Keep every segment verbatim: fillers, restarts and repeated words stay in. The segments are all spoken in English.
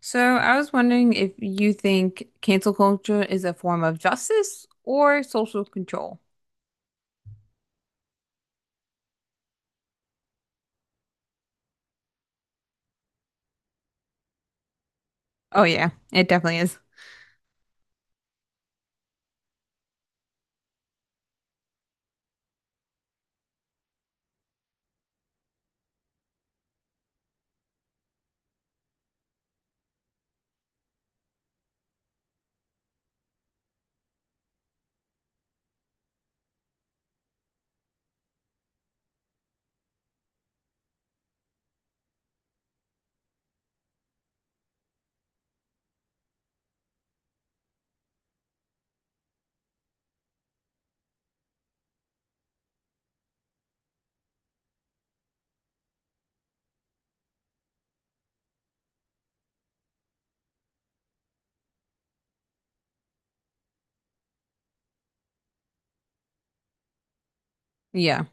So I was wondering if you think cancel culture is a form of justice or social control. Oh yeah, it definitely is. Yeah,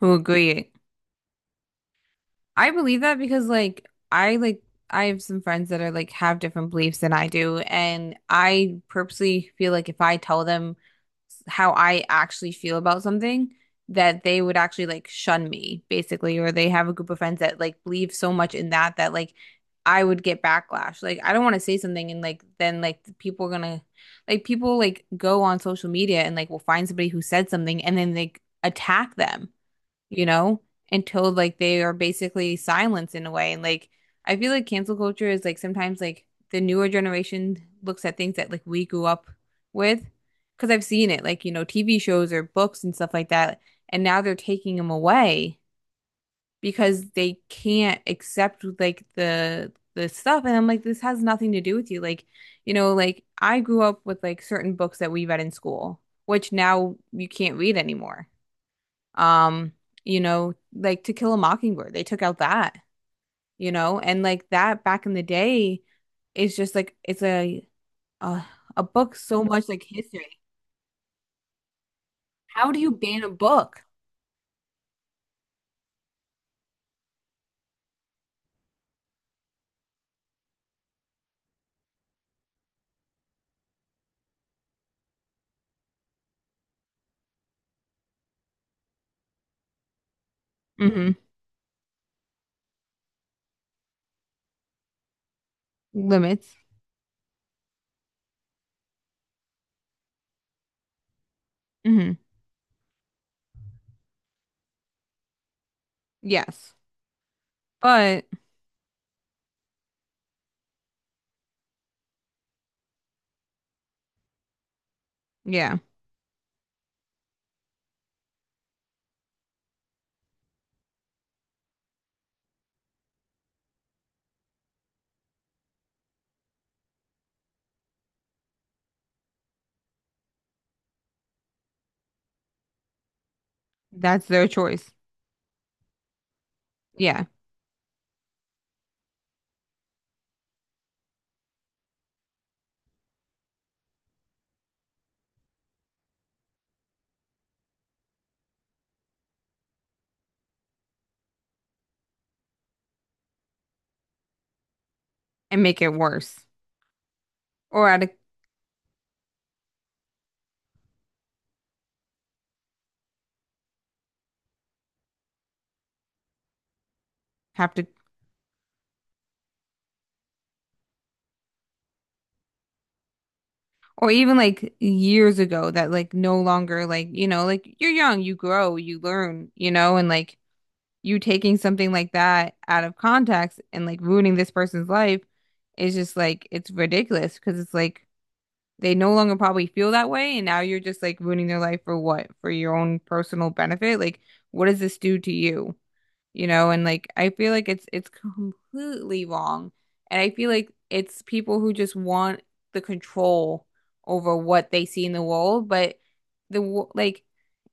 who agree? I believe that because like I like I have some friends that are like have different beliefs than I do, and I purposely feel like if I tell them how I actually feel about something, that they would actually like shun me basically, or they have a group of friends that like believe so much in that that like I would get backlash. Like I don't want to say something and like then like the people are gonna like people like go on social media and like will find somebody who said something and then they attack them, you know, until like they are basically silenced in a way. And like I feel like cancel culture is like sometimes like the newer generation looks at things that like we grew up with because I've seen it, like, you know, T V shows or books and stuff like that. And now they're taking them away because they can't accept like the the stuff. And I'm like, this has nothing to do with you. Like, you know, like I grew up with like certain books that we read in school, which now you can't read anymore. um you know, like To Kill a Mockingbird, they took out that, you know, and like that back in the day is just like it's a a, a book, so much like history. How do you ban a book? Hmm limits. Hmm yes, but yeah, that's their choice. Yeah, and make it worse, or I'd have to. Or even like years ago that like no longer, like, you know, like you're young, you grow, you learn, you know, and like you taking something like that out of context and like ruining this person's life is just like it's ridiculous, because it's like they no longer probably feel that way and now you're just like ruining their life for what? For your own personal benefit? Like what does this do to you? You know, and like I feel like it's it's completely wrong. And I feel like it's people who just want the control over what they see in the world, but the wo- like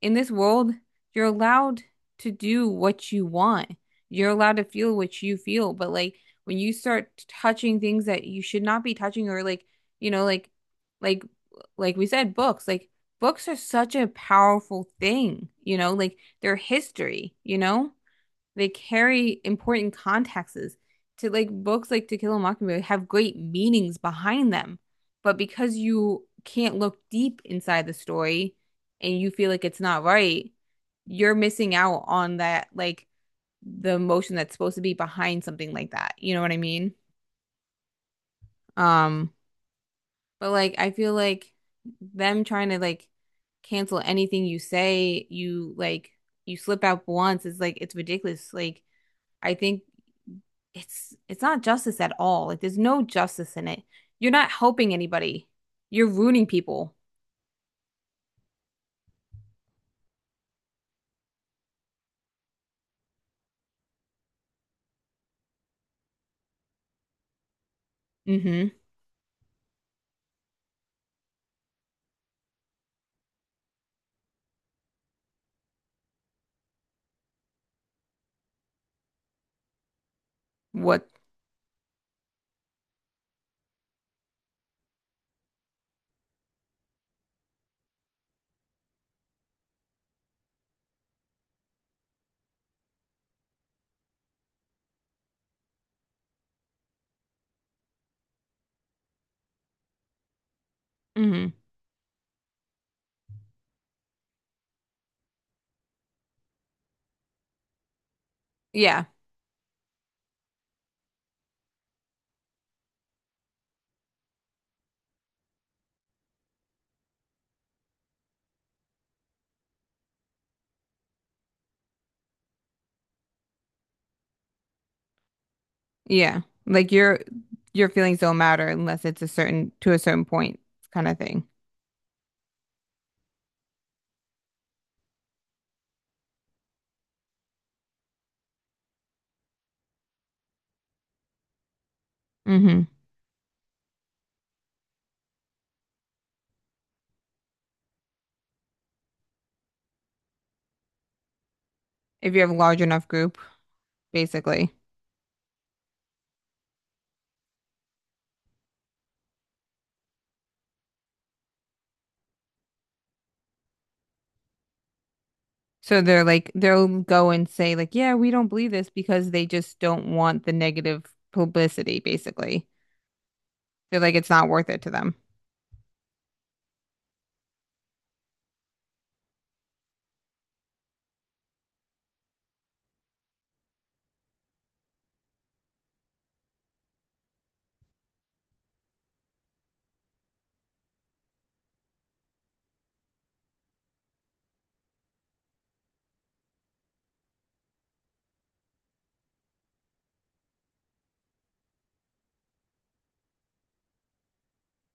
in this world, you're allowed to do what you want. You're allowed to feel what you feel, but like when you start touching things that you should not be touching, or like, you know, like like like we said books, like books are such a powerful thing, you know, like they're history, you know? They carry important contexts to, like, books like To Kill a Mockingbird have great meanings behind them. But because you can't look deep inside the story and you feel like it's not right, you're missing out on, that like, the emotion that's supposed to be behind something like that. You know what I mean? Um, but like I feel like them trying to like cancel anything you say, you like you slip out once, it's like it's ridiculous. Like I think it's it's not justice at all. Like there's no justice in it. You're not helping anybody. You're ruining people. Hmm. What? Hmm. Yeah. Yeah. Like your your feelings don't matter unless it's a certain, to a certain point kind of thing. Hmm. If you have a large enough group, basically. So they're like they'll go and say like, yeah, we don't believe this because they just don't want the negative publicity, basically. Feel like it's not worth it to them.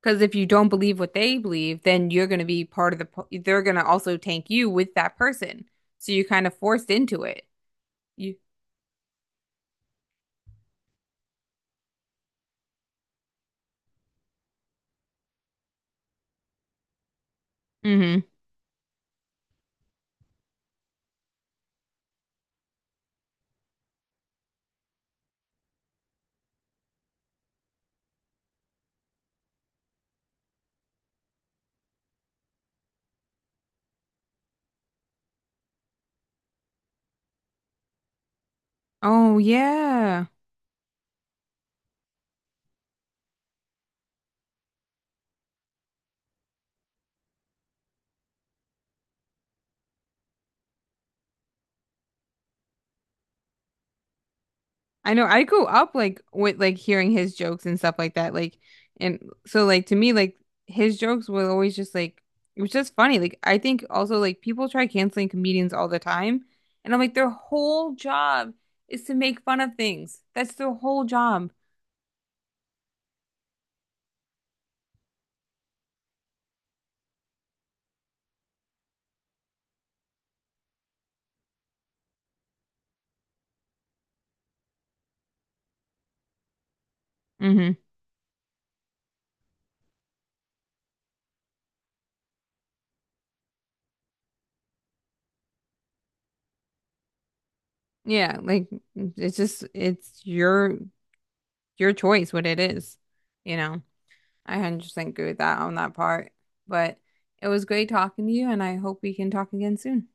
Because if you don't believe what they believe, then you're going to be part of the, po- they're going to also tank you with that person. So you're kind of forced into it. You, hmm. Oh, yeah. I know I grew up like with like hearing his jokes and stuff like that. Like and so like to me like his jokes were always just like it was just funny. Like I think also like people try canceling comedians all the time, and I'm like their whole job is to make fun of things. That's their whole job. Hmm. Yeah, like it's just it's your your choice what it is, you know. I one hundred percent agree with that on that part. But it was great talking to you and I hope we can talk again soon.